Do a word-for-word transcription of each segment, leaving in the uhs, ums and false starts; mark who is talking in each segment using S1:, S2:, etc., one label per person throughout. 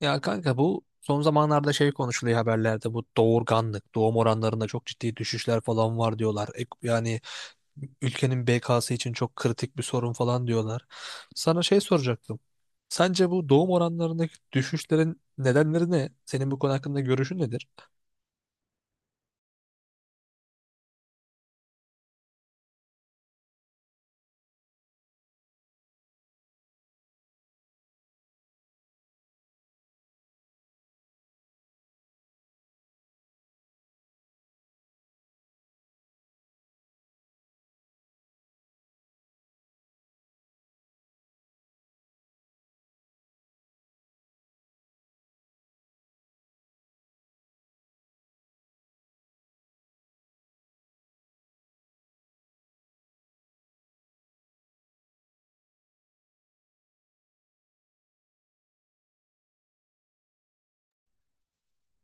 S1: Ya kanka bu son zamanlarda şey konuşuluyor haberlerde bu doğurganlık, doğum oranlarında çok ciddi düşüşler falan var diyorlar. Ek- Yani ülkenin B K'sı için çok kritik bir sorun falan diyorlar. Sana şey soracaktım. Sence bu doğum oranlarındaki düşüşlerin nedenleri ne? Senin bu konu hakkında görüşün nedir?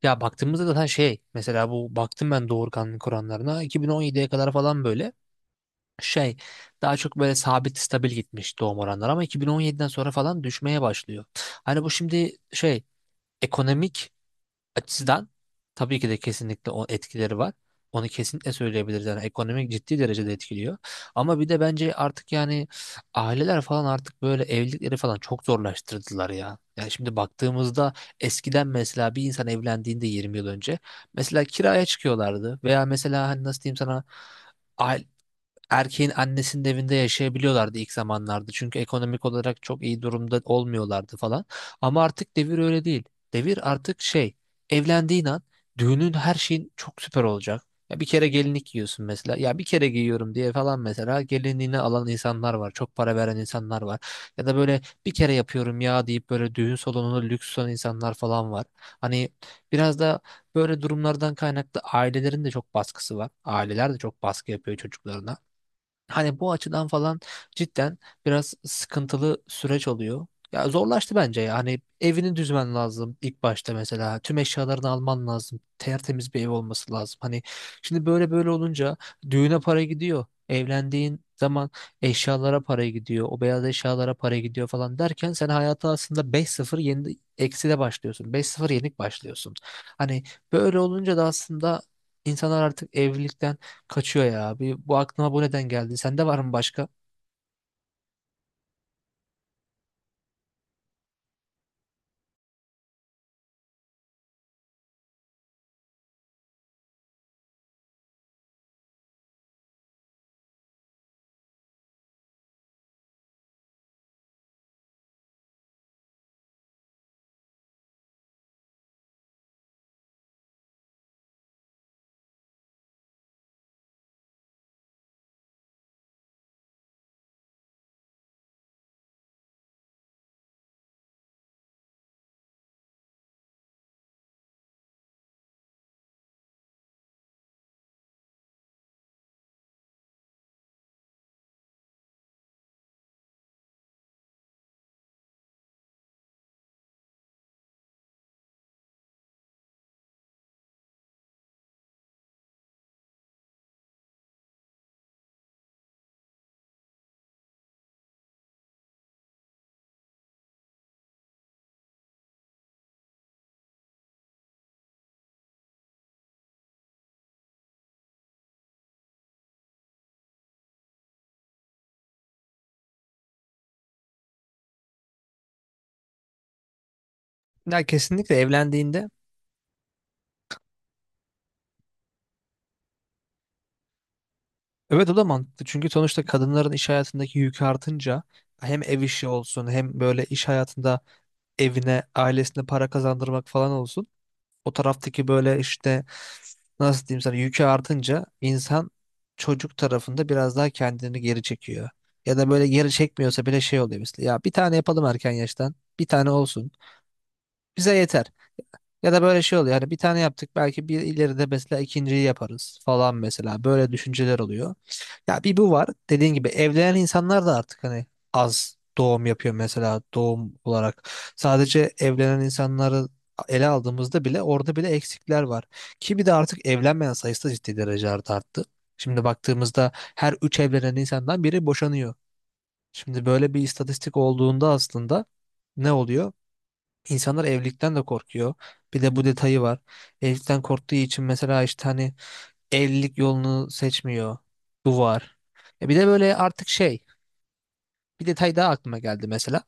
S1: Ya baktığımızda zaten şey mesela bu baktım ben doğurganlık oranlarına iki bin on yediye kadar falan böyle şey daha çok böyle sabit stabil gitmiş doğum oranları ama iki bin on yediden sonra falan düşmeye başlıyor. Hani bu şimdi şey ekonomik açıdan tabii ki de kesinlikle o etkileri var. Onu kesinlikle söyleyebiliriz. Yani ekonomik ciddi derecede etkiliyor. Ama bir de bence artık yani aileler falan artık böyle evlilikleri falan çok zorlaştırdılar ya. Yani şimdi baktığımızda eskiden mesela bir insan evlendiğinde yirmi yıl önce mesela kiraya çıkıyorlardı veya mesela hani nasıl diyeyim sana aile- erkeğin annesinin evinde yaşayabiliyorlardı ilk zamanlarda. Çünkü ekonomik olarak çok iyi durumda olmuyorlardı falan. Ama artık devir öyle değil. Devir artık şey, evlendiğin an düğünün her şeyin çok süper olacak. Ya bir kere gelinlik giyiyorsun mesela. Ya bir kere giyiyorum diye falan mesela gelinliğini alan insanlar var. Çok para veren insanlar var. Ya da böyle bir kere yapıyorum ya deyip böyle düğün salonunu lüks tutan insanlar falan var. Hani biraz da böyle durumlardan kaynaklı ailelerin de çok baskısı var. Aileler de çok baskı yapıyor çocuklarına. Hani bu açıdan falan cidden biraz sıkıntılı süreç oluyor. Ya zorlaştı bence ya. Hani evini düzmen lazım ilk başta mesela. Tüm eşyalarını alman lazım. Tertemiz bir ev olması lazım. Hani şimdi böyle böyle olunca düğüne para gidiyor. Evlendiğin zaman eşyalara para gidiyor. O beyaz eşyalara para gidiyor falan derken sen hayata aslında beş sıfır yeni ekside başlıyorsun. beş sıfır yenik başlıyorsun. Hani böyle olunca da aslında insanlar artık evlilikten kaçıyor ya. Bir, bu aklıma bu neden geldi. Sende var mı başka? Ya kesinlikle evlendiğinde. Evet, o da mantıklı. Çünkü sonuçta kadınların iş hayatındaki yükü artınca hem ev işi olsun hem böyle iş hayatında evine, ailesine para kazandırmak falan olsun. O taraftaki böyle işte nasıl diyeyim sana yükü artınca insan çocuk tarafında biraz daha kendini geri çekiyor. Ya da böyle geri çekmiyorsa bile şey oluyor mesela. Ya bir tane yapalım erken yaştan. Bir tane olsun. Bize yeter. Ya da böyle şey oluyor. Hani bir tane yaptık belki bir ileride mesela ikinciyi yaparız falan mesela. Böyle düşünceler oluyor. Ya bir bu var. Dediğin gibi evlenen insanlar da artık hani az doğum yapıyor mesela doğum olarak. Sadece evlenen insanları ele aldığımızda bile orada bile eksikler var. Ki bir de artık evlenmeyen sayısı da ciddi derecelerde arttı. Şimdi baktığımızda her üç evlenen insandan biri boşanıyor. Şimdi böyle bir istatistik olduğunda aslında ne oluyor? İnsanlar evlilikten de korkuyor. Bir de bu detayı var. Evlilikten korktuğu için mesela işte hani evlilik yolunu seçmiyor. Bu var. E bir de böyle artık şey bir detay daha aklıma geldi mesela.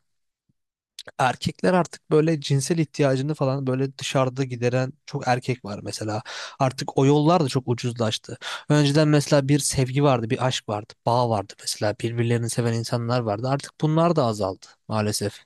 S1: Erkekler artık böyle cinsel ihtiyacını falan böyle dışarıda gideren çok erkek var mesela. Artık o yollar da çok ucuzlaştı. Önceden mesela bir sevgi vardı, bir aşk vardı, bağ vardı mesela. Birbirlerini seven insanlar vardı. Artık bunlar da azaldı maalesef.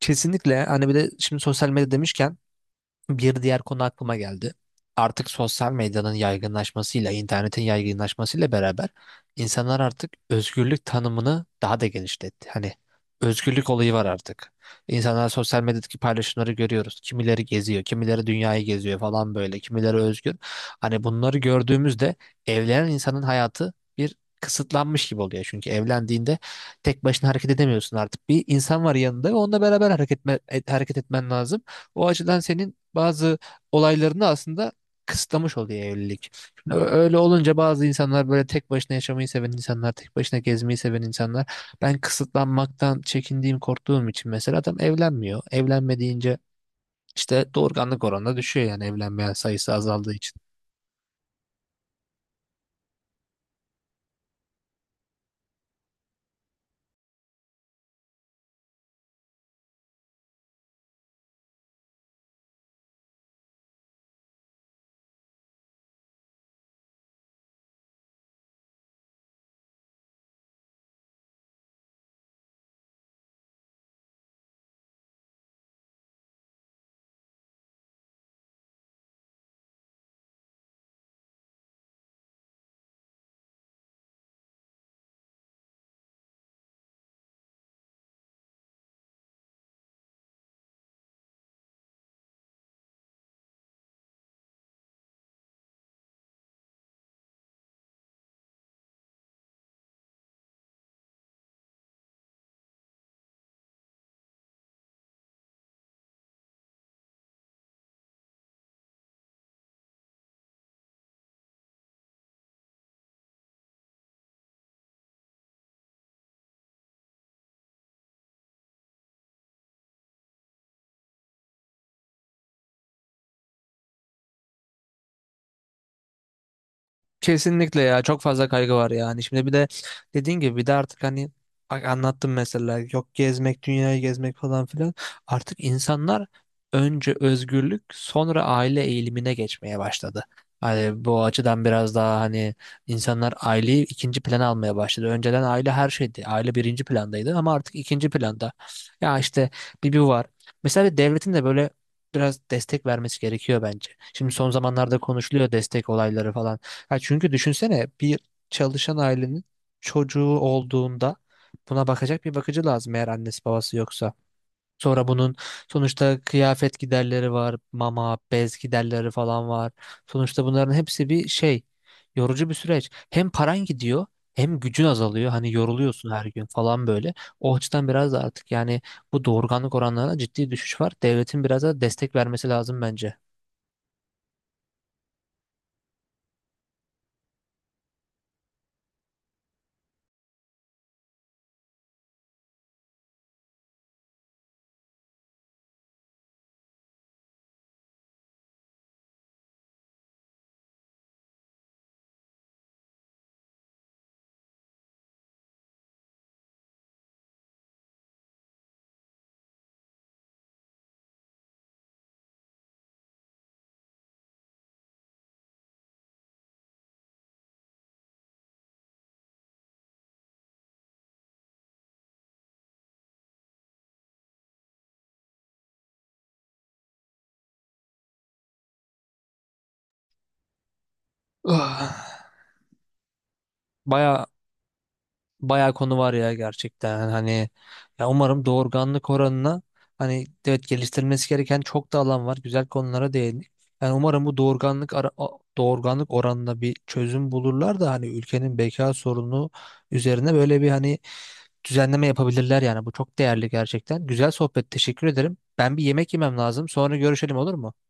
S1: Kesinlikle, hani bir de şimdi sosyal medya demişken bir diğer konu aklıma geldi. Artık sosyal medyanın yaygınlaşmasıyla, internetin yaygınlaşmasıyla beraber insanlar artık özgürlük tanımını daha da genişletti. Hani özgürlük olayı var artık. İnsanlar sosyal medyadaki paylaşımları görüyoruz. Kimileri geziyor, kimileri dünyayı geziyor falan böyle, kimileri özgür. Hani bunları gördüğümüzde evlenen insanın hayatı bir kısıtlanmış gibi oluyor. Çünkü evlendiğinde tek başına hareket edemiyorsun artık. Bir insan var yanında ve onunla beraber hareket, etme- hareket etmen lazım. O açıdan senin bazı olaylarını aslında kısıtlamış oluyor evlilik. Şimdi ö- öyle olunca bazı insanlar böyle tek başına yaşamayı seven insanlar, tek başına gezmeyi seven insanlar. Ben kısıtlanmaktan çekindiğim, korktuğum için mesela adam evlenmiyor. Evlenmediğince işte doğurganlık oranı da düşüyor yani evlenmeyen sayısı azaldığı için. Kesinlikle, ya çok fazla kaygı var yani. Şimdi bir de dediğin gibi bir de artık hani a- anlattım mesela yok gezmek dünyayı gezmek falan filan. Artık insanlar önce özgürlük sonra aile eğilimine geçmeye başladı. Hani bu açıdan biraz daha hani insanlar aileyi ikinci plana almaya başladı. Önceden aile her şeydi. Aile birinci plandaydı ama artık ikinci planda. Ya işte bir bir var. Mesela devletin de böyle biraz destek vermesi gerekiyor bence. Şimdi son zamanlarda konuşuluyor destek olayları falan. Ha çünkü düşünsene bir çalışan ailenin çocuğu olduğunda buna bakacak bir bakıcı lazım eğer annesi babası yoksa. Sonra bunun sonuçta kıyafet giderleri var, mama, bez giderleri falan var. Sonuçta bunların hepsi bir şey, yorucu bir süreç. Hem paran gidiyor, hem gücün azalıyor. Hani yoruluyorsun her gün falan böyle. O açıdan biraz da artık yani bu doğurganlık oranlarına ciddi düşüş var. Devletin biraz da destek vermesi lazım bence. Ah. Baya bayağı konu var ya gerçekten hani ya umarım doğurganlık oranına, hani evet, geliştirilmesi gereken çok da alan var, güzel konulara değindik. Yani umarım bu doğurganlık ara, o- doğurganlık oranına bir çözüm bulurlar da hani ülkenin beka sorunu üzerine böyle bir hani düzenleme yapabilirler yani bu çok değerli gerçekten. Güzel sohbet, teşekkür ederim. Ben bir yemek yemem lazım, sonra görüşelim olur mu?